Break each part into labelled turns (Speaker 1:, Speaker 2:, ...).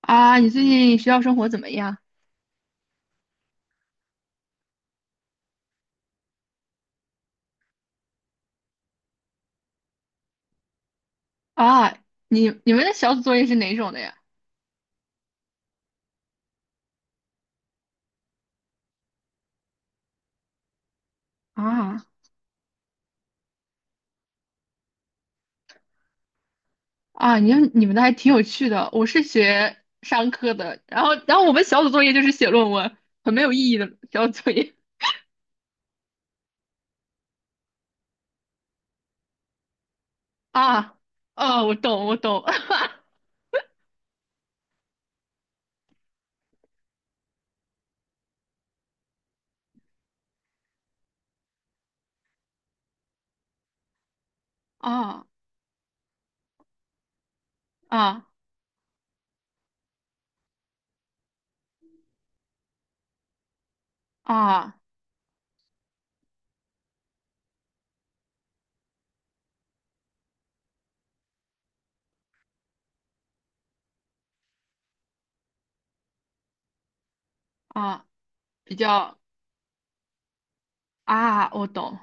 Speaker 1: 你最近学校生活怎么样？啊，你们的小组作业是哪种的呀？啊你们的还挺有趣的。我是学商科的，然后我们小组作业就是写论文，很没有意义的小组作业。啊，啊，我懂，我懂。啊啊啊啊，比较啊，我懂。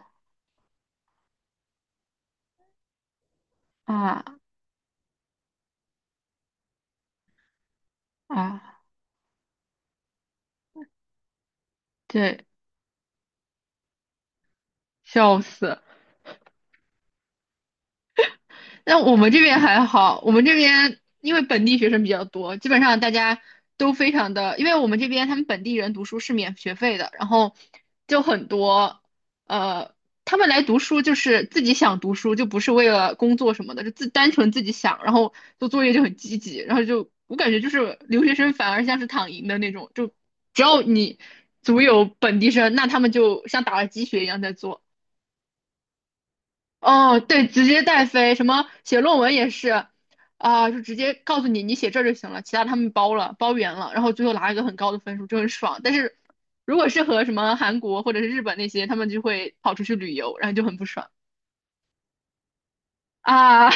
Speaker 1: 啊啊，对，笑死。那我们这边还好，我们这边因为本地学生比较多，基本上大家都非常的，因为我们这边他们本地人读书是免学费的，然后就很多，呃，他们来读书就是自己想读书，就不是为了工作什么的，就自单纯自己想，然后做作业就很积极，然后就我感觉就是留学生反而像是躺赢的那种，就只要你足有本地生，那他们就像打了鸡血一样在做。哦，对，直接带飞，什么写论文也是，就直接告诉你，你写这就行了，其他他们包了，包圆了，然后最后拿一个很高的分数，就很爽。但是如果是和什么韩国或者是日本那些，他们就会跑出去旅游，然后就很不爽。啊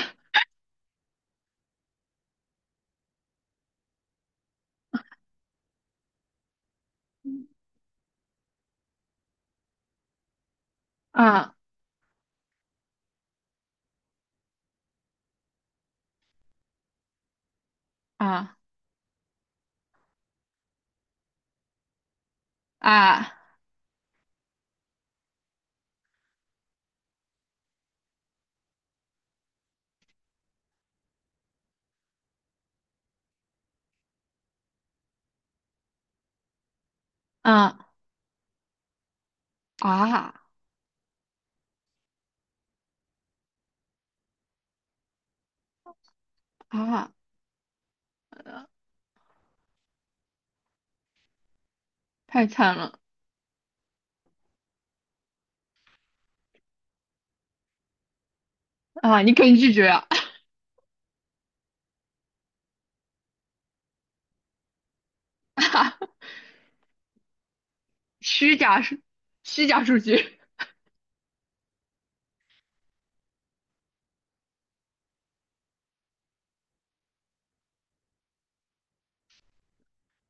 Speaker 1: 啊啊啊啊啊啊！太惨了。啊！你可以拒绝啊，虚假数，虚假数据。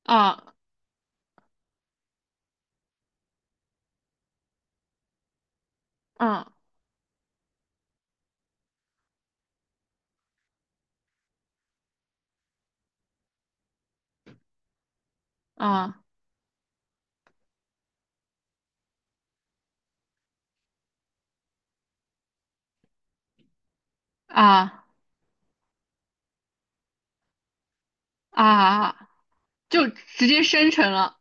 Speaker 1: 啊，嗯，啊啊啊啊！就直接生成了。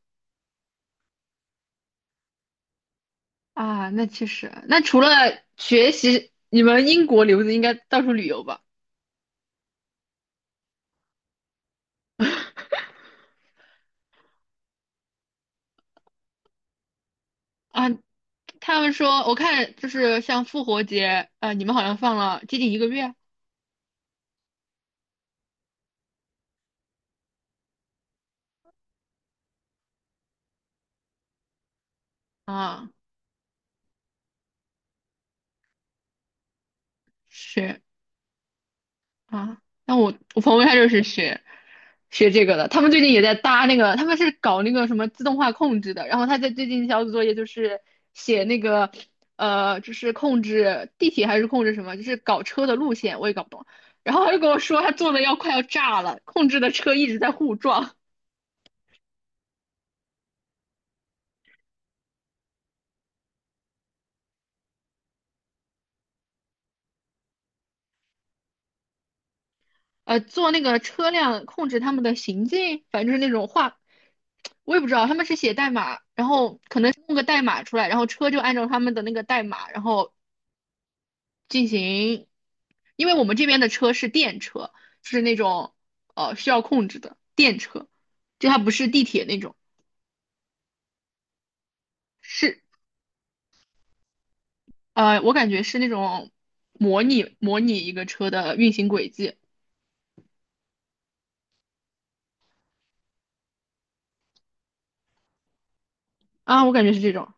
Speaker 1: 啊。那其实，那除了学习，你们英国留子应该到处旅游吧？啊，他们说我看就是像复活节，你们好像放了接近一个月。啊，是。啊，那我朋友他就是学学这个的，他们最近也在搭那个，他们是搞那个什么自动化控制的，然后他在最近小组作业就是写那个就是控制地铁还是控制什么，就是搞车的路线，我也搞不懂。然后他就跟我说，他做的要快要炸了，控制的车一直在互撞，做那个车辆控制他们的行进，反正就是那种画，我也不知道他们是写代码，然后可能弄个代码出来，然后车就按照他们的那个代码，然后。进行，因为我们这边的车是电车，就是那种需要控制的电车，就它不是地铁那种，是我感觉是那种模拟一个车的运行轨迹。啊，我感觉是这种。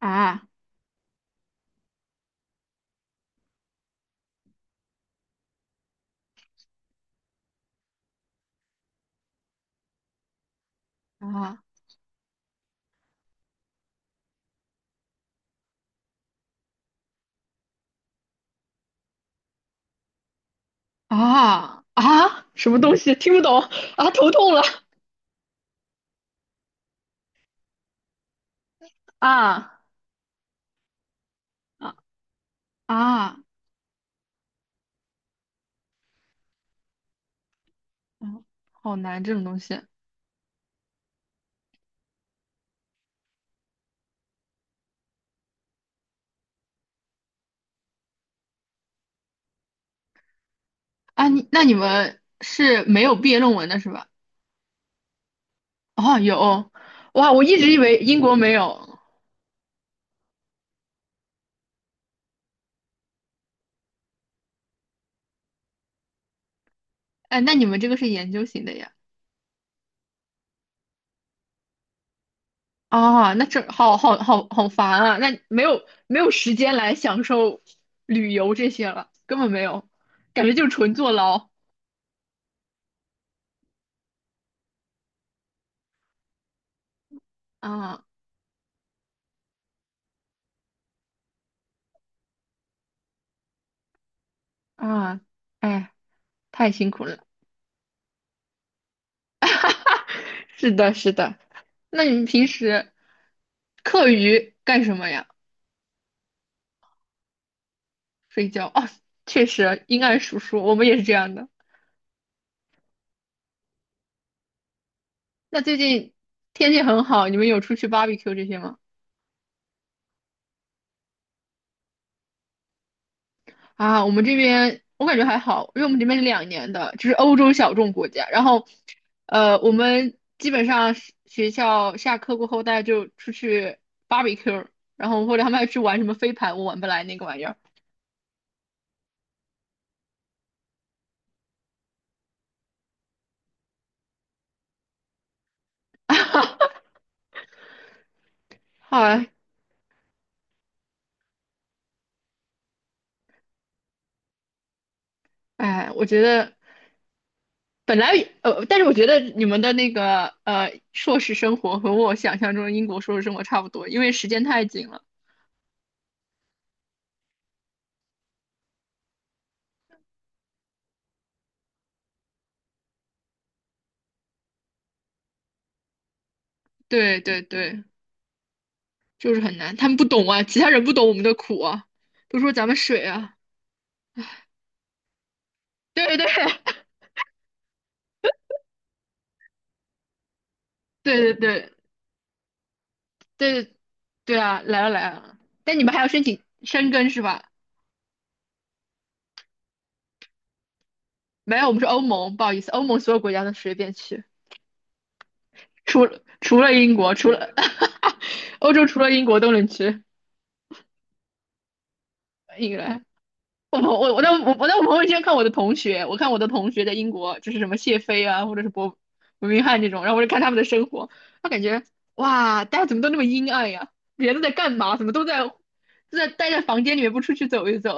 Speaker 1: 啊啊啊啊什么东西听不懂。啊，头痛了。啊啊啊，嗯，好难这种东西。啊，你那你们是没有毕业论文的是吧？哦，有，哇，我一直以为英国没有。哎，那你们这个是研究型的呀？啊，那这好好好好烦啊！那没有没有时间来享受旅游这些了，根本没有，感觉就是纯坐牢。啊啊！哎，太辛苦了。是的，是的。那你们平时课余干什么呀？睡觉。哦，确实，阴暗叔叔，我们也是这样的。那最近天气很好，你们有出去 barbecue 这些吗？啊，我们这边我感觉还好，因为我们这边是两年的，就是欧洲小众国家。然后，我们基本上是学校下课过后，大家就出去 barbecue，然后或者他们还去玩什么飞盘，我玩不来那个玩意儿。好啊，哎，我觉得本来但是我觉得你们的那个硕士生活和我想象中的英国硕士生活差不多，因为时间太紧了。对对对，就是很难，他们不懂啊，其他人不懂我们的苦啊，都说咱们水啊。对对对对对对对啊，来了来了，但你们还要申请申根是吧？没有，我们是欧盟，不好意思，欧盟所有国家都随便去，除了英国，除了 欧洲，除了英国都能去。英格兰我朋友圈看我的同学，我看我的同学在英国，就是什么谢菲啊，或者是伯明翰这种，然后我就看他们的生活，他感觉哇，大家怎么都那么阴暗呀？人都在干嘛？怎么都在都在待在房间里面不出去走一走？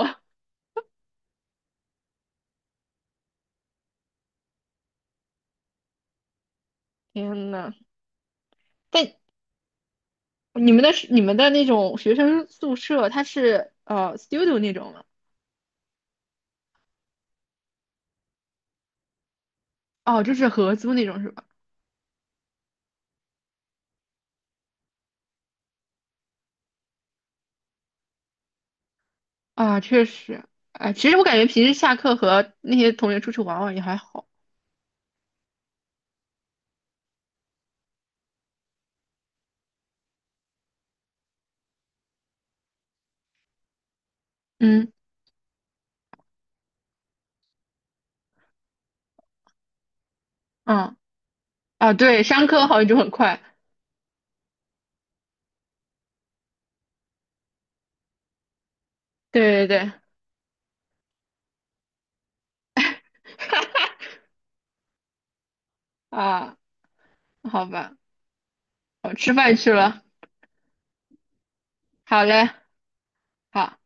Speaker 1: 天呐！但你们的那种学生宿舍，它是studio 那种吗？哦，就是合租那种是吧？啊，确实，哎，其实我感觉平时下课和那些同学出去玩玩也还好。嗯，嗯，啊，对，上课好像就很快。对对对，啊，好吧，我吃饭去了。好嘞，好。